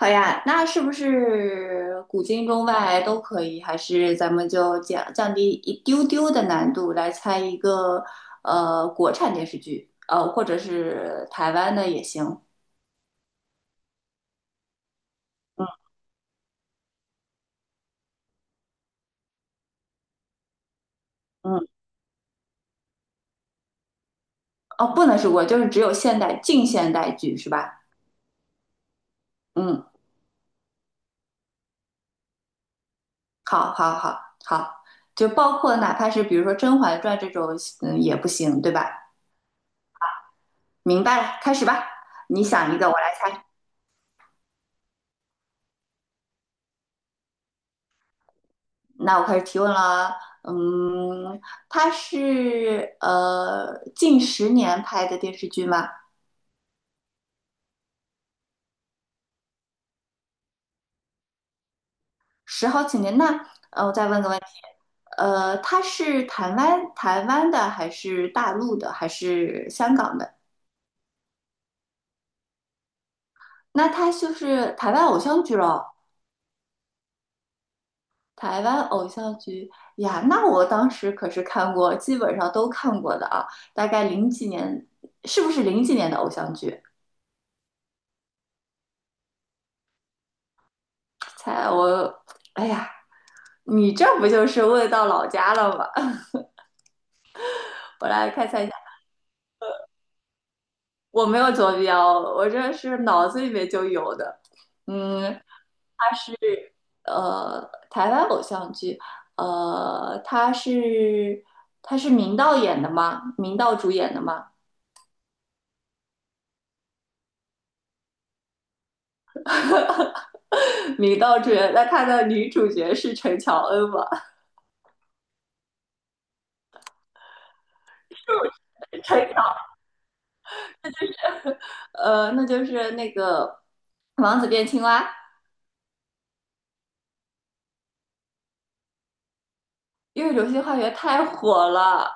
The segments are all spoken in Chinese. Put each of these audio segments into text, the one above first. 好呀，那是不是古今中外都可以？还是咱们就降低一丢丢的难度来猜一个国产电视剧，或者是台湾的也行。嗯，哦，不能是国，就是只有近现代剧是吧？嗯，好，好，好，好，就包括哪怕是比如说《甄嬛传》这种，嗯，也不行，对吧？明白了，开始吧。你想一个，我来猜。那我开始提问了。嗯，他是近十年拍的电视剧吗？十好几年。那，我再问个问题，他是台湾的还是大陆的还是香港的？那他就是台湾偶像剧咯，台湾偶像剧呀，那我当时可是看过，基本上都看过的啊。大概零几年，是不是零几年的偶像剧？猜我，哎呀。你这不就是问到老家了吗？我来看一下，我没有坐标，我这是脑子里面就有的。嗯，他是台湾偶像剧，呃，他是他是明道演的吗？明道主演的吗？明道主演，那他的女主角是陈乔恩吗？陈乔，那就是那个《王子变青蛙》，因为《流星花园》太火了，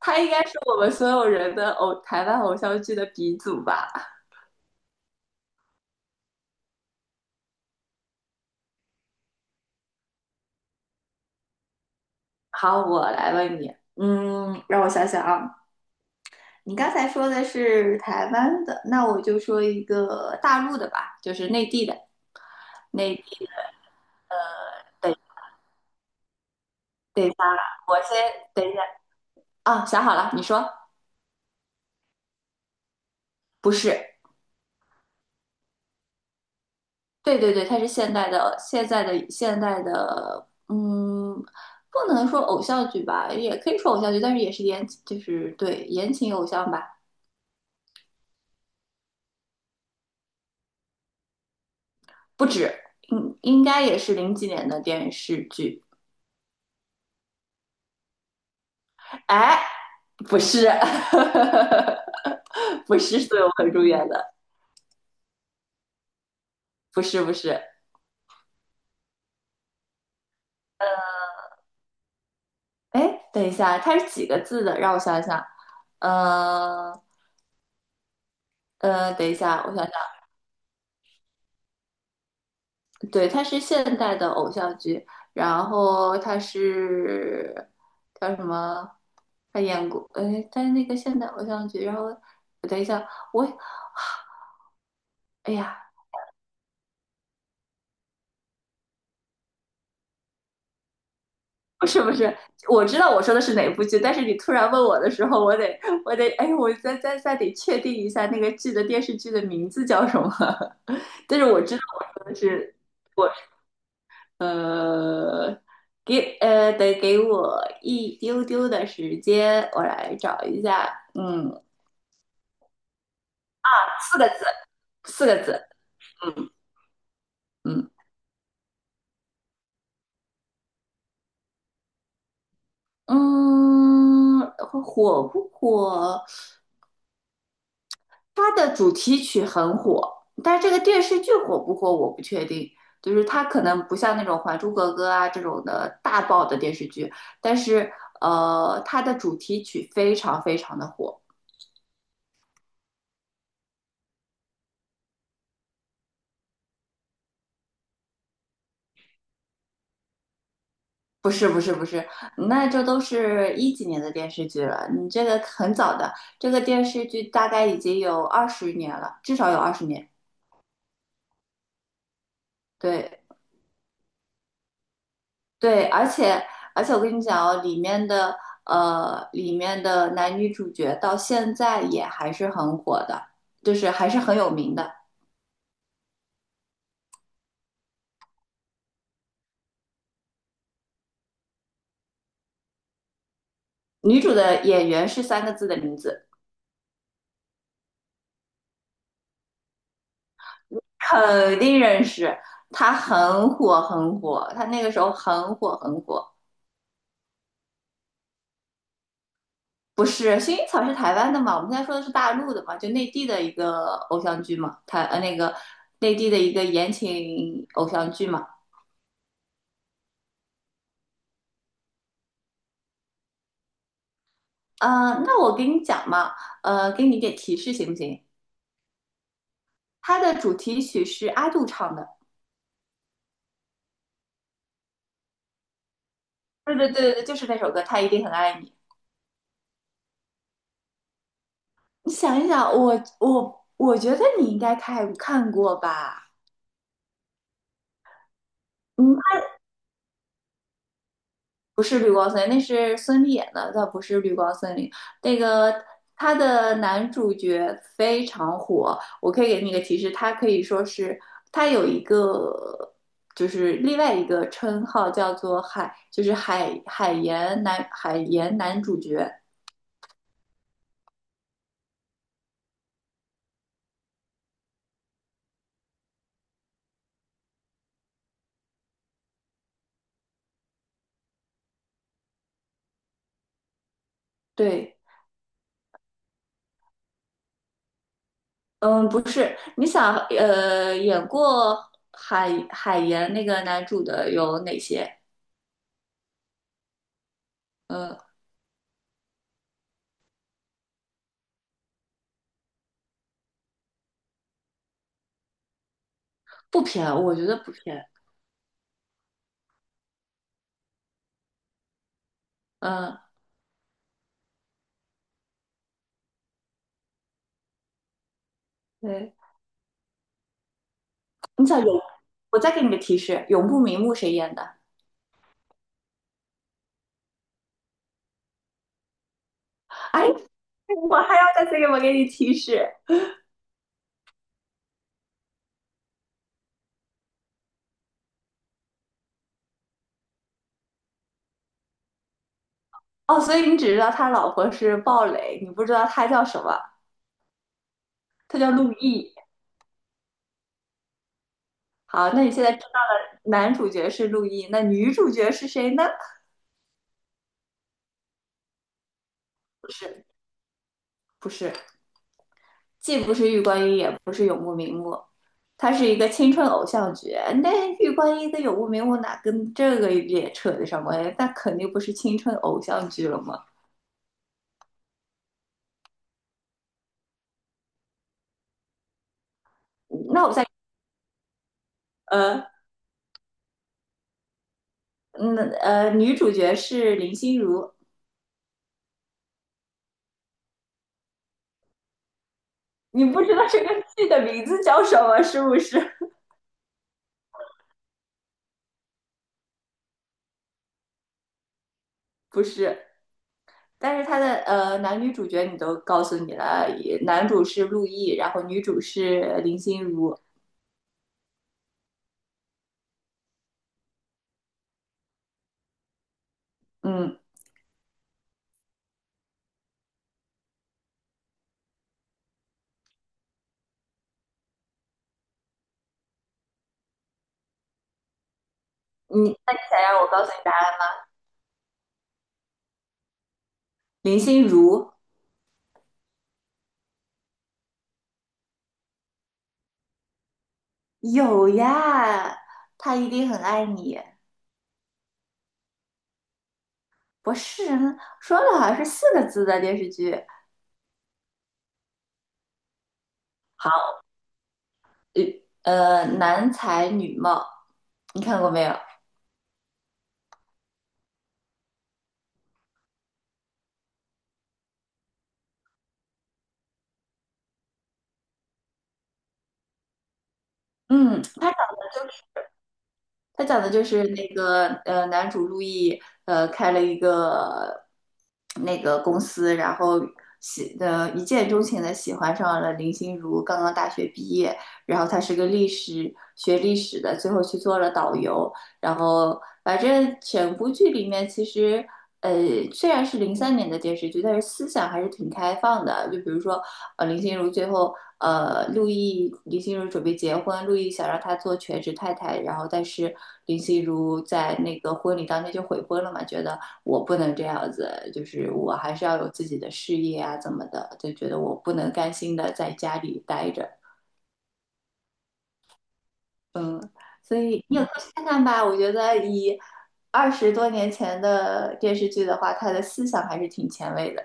他应该是我们所有人的台湾偶像剧的鼻祖吧。好，我来问你，嗯，让我想想啊，你刚才说的是台湾的，那我就说一个大陆的吧，就是内地的，内地的。对，等一下，我先等一下啊，想好了，你说不是？对对对，它是现代的，现在的现代的，嗯，不能说偶像剧吧，也可以说偶像剧，但是也是就是对言情偶像吧。不止，应该也是零几年的电视剧。哎，不是，不是苏有朋主演的，不是不是。哎，等一下，它是几个字的？让我想想。呃等一下，我想想。对，它是现代的偶像剧，然后它是叫什么？他演过，哎，他是那个现代偶像剧，然后等一下，我哎呀，不是不是，我知道我说的是哪部剧，但是你突然问我的时候，我得哎，我再得确定一下那个剧的电视剧的名字叫什么。但是我知道我说的是我呃得给我一丢丢的时间，我来找一下，嗯，四个字，四个字，嗯嗯嗯，火不火？它的主题曲很火，但是这个电视剧火不火我不确定。就是它可能不像那种《还珠格格》啊这种的大爆的电视剧，但是它的主题曲非常非常的火。不是不是不是，那这都是一几年的电视剧了，你这个很早的，这个电视剧大概已经有二十年了，至少有二十年。对，对，而且我跟你讲哦，里面的男女主角到现在也还是很火的，就是还是很有名的。女主的演员是三个字的名字，肯定认识。她很火很火，她那个时候很火很火。不是，薰衣草是台湾的嘛？我们现在说的是大陆的嘛，就内地的一个偶像剧嘛，那个内地的一个言情偶像剧嘛。那我给你讲嘛，给你一点提示行不行？它的主题曲是阿杜唱的。对对对对，就是那首歌《他一定很爱你》。你想一想，我觉得你应该看过吧？嗯，不是绿光森林，那是孙俪演的，倒不是绿光森林。那个他的男主角非常火，我可以给你一个提示，他可以说是他有一个就是另外一个称号叫做海，就是海海盐男海盐男主角。对，嗯，不是，你想，演过海岩那个男主的有哪些？嗯，不偏，我觉得不偏。嗯，对，你想，我再给你个提示，永不瞑目谁演的？哎，我还要再次给你提示。哦，所以你只知道他老婆是鲍蕾，你不知道他叫什么，他叫陆毅。好，那你现在知道了男主角是陆毅，那女主角是谁呢？不是，不是。既不是玉观音，也不是永不瞑目，它是一个青春偶像剧。那玉观音跟永不瞑目哪跟这个也扯得上关系？那肯定不是青春偶像剧了嘛。那我再呃，那呃，女主角是林心如，你不知道这个剧的名字叫什么是不是？不是，但是它的男女主角你都告诉你了，也男主是陆毅，然后女主是林心如。嗯，那你想让我告诉你答案？林心如。有呀，他一定很爱你。不是说了好像是四个字的电视剧，好，男才女貌，你看过没有？嗯，他讲的就是那个，男主陆毅开了一个那个公司，然后一见钟情的喜欢上了林心如，刚刚大学毕业，然后他是个学历史的，最后去做了导游，然后反正整部剧里面其实。呃，虽然是2003年的电视剧，但是思想还是挺开放的。就比如说，林心如最后，陆毅林心如准备结婚，陆毅想让她做全职太太，然后但是林心如在那个婚礼当天就悔婚了嘛，觉得我不能这样子，就是我还是要有自己的事业啊，怎么的，就觉得我不能甘心的在家里待着，嗯，所以你有空去看看吧，我觉得以20多年前的电视剧的话，它的思想还是挺前卫的。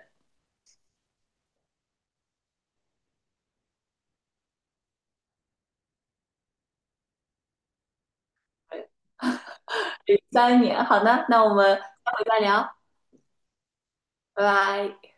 三年，好的，那我们下回再聊，拜拜。